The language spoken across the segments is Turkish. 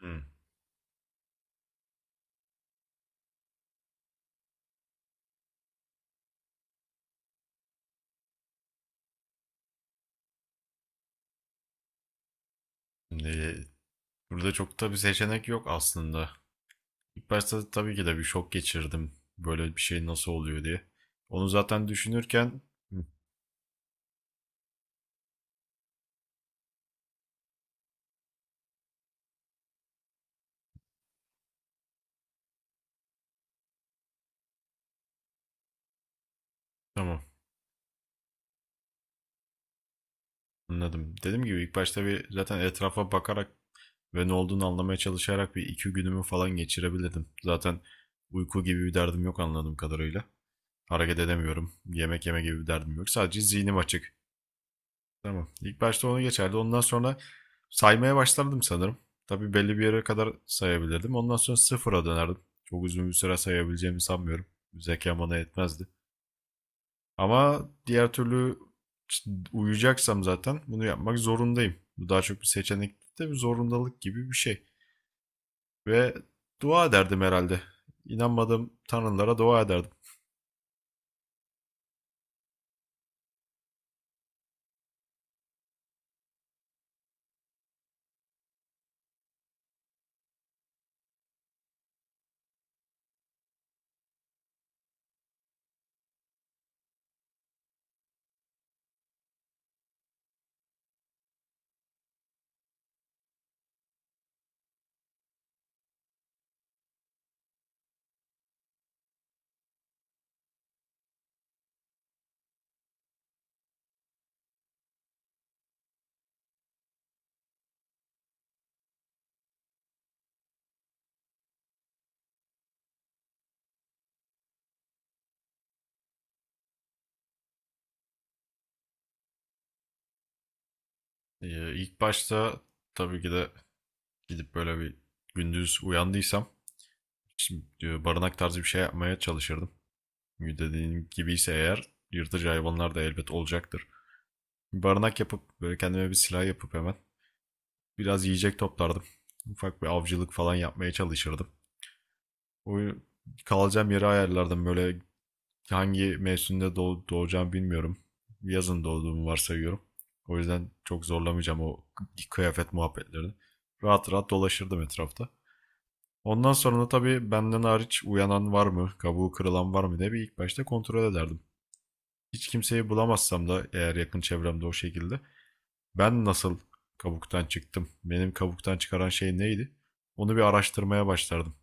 Hmm. Şimdi burada çok da bir seçenek yok aslında. İlk başta tabii ki de bir şok geçirdim. Böyle bir şey nasıl oluyor diye. Onu zaten düşünürken. Hı, tamam, anladım. Dediğim gibi ilk başta bir zaten etrafa bakarak ve ne olduğunu anlamaya çalışarak bir iki günümü falan geçirebilirdim. Zaten uyku gibi bir derdim yok anladığım kadarıyla. Hareket edemiyorum. Yemek yeme gibi bir derdim yok. Sadece zihnim açık. Tamam. İlk başta onu geçerdi. Ondan sonra saymaya başlardım sanırım. Tabii belli bir yere kadar sayabilirdim. Ondan sonra sıfıra dönerdim. Çok uzun bir süre sayabileceğimi sanmıyorum. Zekam bana yetmezdi. Ama diğer türlü işte uyuyacaksam zaten bunu yapmak zorundayım. Bu daha çok bir seçenek de bir zorundalık gibi bir şey. Ve dua ederdim herhalde. İnanmadığım tanrılara dua ederdim. İlk başta tabii ki de gidip böyle bir gündüz uyandıysam, Şimdi barınak tarzı bir şey yapmaya çalışırdım. Dediğin gibi ise eğer yırtıcı hayvanlar da elbet olacaktır. Barınak yapıp böyle kendime bir silah yapıp hemen biraz yiyecek toplardım. Ufak bir avcılık falan yapmaya çalışırdım. O kalacağım yeri ayarlardım böyle hangi mevsimde doğacağım bilmiyorum. Yazın doğduğumu varsayıyorum. O yüzden çok zorlamayacağım o kıyafet muhabbetlerini. Rahat rahat dolaşırdım etrafta. Ondan sonra da tabii benden hariç uyanan var mı, kabuğu kırılan var mı diye bir ilk başta kontrol ederdim. Hiç kimseyi bulamazsam da eğer yakın çevremde o şekilde ben nasıl kabuktan çıktım, benim kabuktan çıkaran şey neydi? Onu bir araştırmaya başlardım.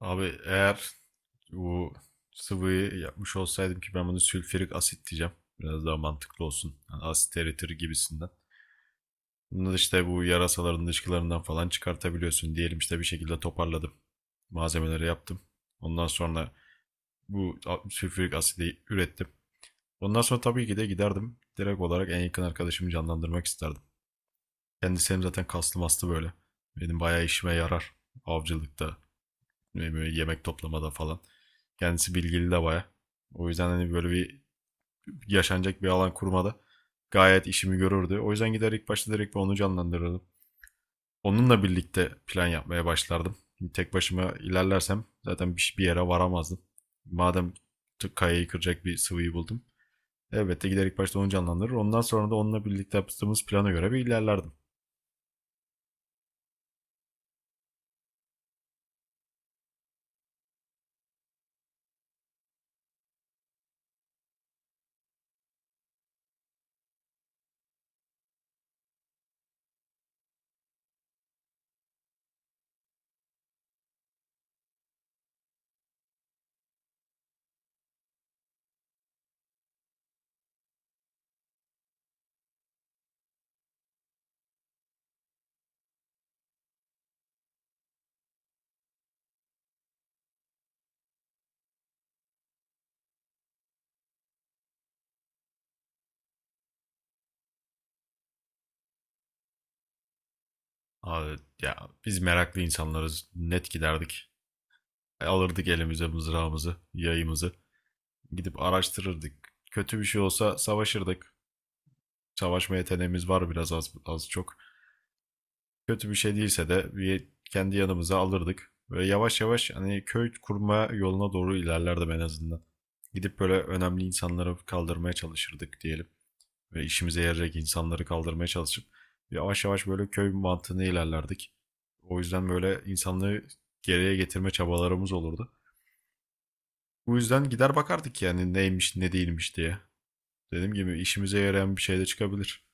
Abi eğer bu sıvıyı yapmış olsaydım ki ben bunu sülfürik asit diyeceğim. Biraz daha mantıklı olsun. Yani asit eritir gibisinden. Bunu da işte bu yarasaların dışkılarından falan çıkartabiliyorsun. Diyelim işte bir şekilde toparladım. Malzemeleri yaptım. Ondan sonra bu sülfürik asidi ürettim. Ondan sonra tabii ki de giderdim. Direkt olarak en yakın arkadaşımı canlandırmak isterdim. Kendisi hem zaten kaslı mastı böyle. Benim bayağı işime yarar. Avcılıkta ve yemek toplamada falan. Kendisi bilgili de bayağı. O yüzden hani böyle bir yaşanacak bir alan kurmada gayet işimi görürdü. O yüzden gider ilk başta direkt onu canlandırırdım. Onunla birlikte plan yapmaya başlardım. Şimdi tek başıma ilerlersem zaten bir yere varamazdım. Madem kayayı kıracak bir sıvıyı buldum. Elbette giderek başta onu canlandırır, ondan sonra da onunla birlikte yaptığımız plana göre bir ilerlerdim. Abi, ya biz meraklı insanlarız. Net giderdik. Alırdık elimize mızrağımızı, yayımızı. Gidip araştırırdık. Kötü bir şey olsa savaşırdık. Savaşma yeteneğimiz var biraz az çok. Kötü bir şey değilse de bir kendi yanımıza alırdık. Böyle yavaş yavaş hani köy kurma yoluna doğru ilerlerdim en azından. Gidip böyle önemli insanları kaldırmaya çalışırdık diyelim. Ve işimize yarayacak insanları kaldırmaya çalışıp yavaş yavaş böyle köy mantığına ilerlerdik. O yüzden böyle insanlığı geriye getirme çabalarımız olurdu. Bu yüzden gider bakardık yani neymiş ne değilmiş diye. Dediğim gibi işimize yarayan bir şey de çıkabilir.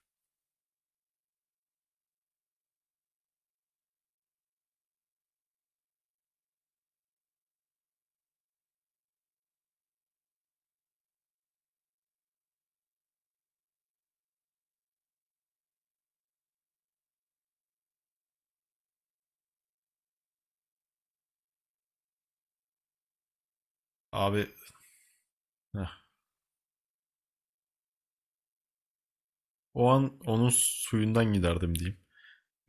Abi, heh, o an onun suyundan giderdim diyeyim.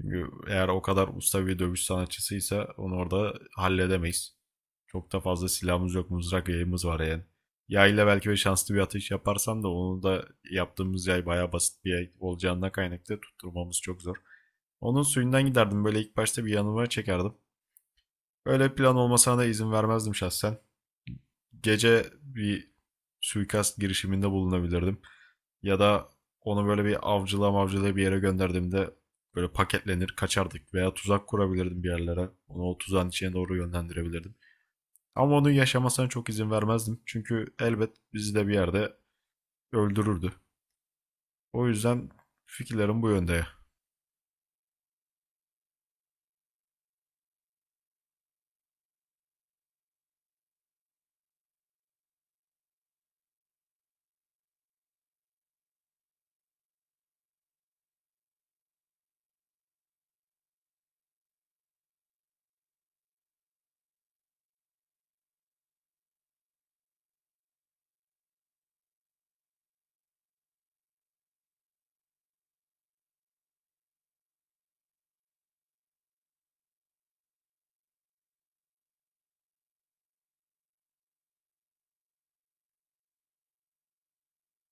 Çünkü eğer o kadar usta bir dövüş sanatçısıysa onu orada halledemeyiz. Çok da fazla silahımız yok, mızrak yayımız var yani. Yayla belki ve şanslı bir atış yaparsam da onu da, yaptığımız yay bayağı basit bir yay olacağından kaynaklı, tutturmamız çok zor. Onun suyundan giderdim, böyle ilk başta bir yanıma çekerdim. Böyle plan olmasına da izin vermezdim şahsen, gece bir suikast girişiminde bulunabilirdim. Ya da onu böyle bir avcılığa mavcılığa bir yere gönderdiğimde böyle paketlenir kaçardık, veya tuzak kurabilirdim bir yerlere. Onu o tuzağın içine doğru yönlendirebilirdim. Ama onun yaşamasına çok izin vermezdim. Çünkü elbet bizi de bir yerde öldürürdü. O yüzden fikirlerim bu yönde.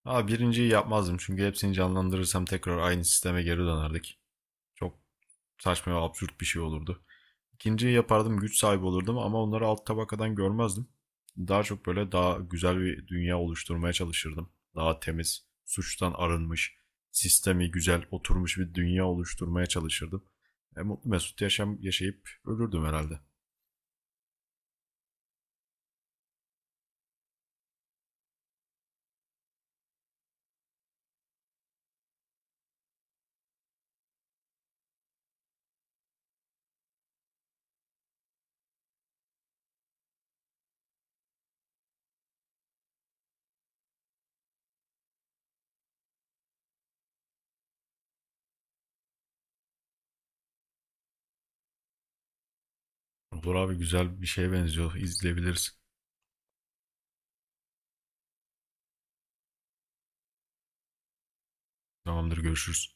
Ha, birinciyi yapmazdım çünkü hepsini canlandırırsam tekrar aynı sisteme geri dönerdik. Çok saçma ve absürt bir şey olurdu. İkinciyi yapardım, güç sahibi olurdum, ama onları alt tabakadan görmezdim. Daha çok böyle daha güzel bir dünya oluşturmaya çalışırdım. Daha temiz, suçtan arınmış, sistemi güzel oturmuş bir dünya oluşturmaya çalışırdım. Mutlu mesut yaşam yaşayıp ölürdüm herhalde. Olur abi, güzel bir şeye benziyor. İzleyebiliriz. Tamamdır, görüşürüz.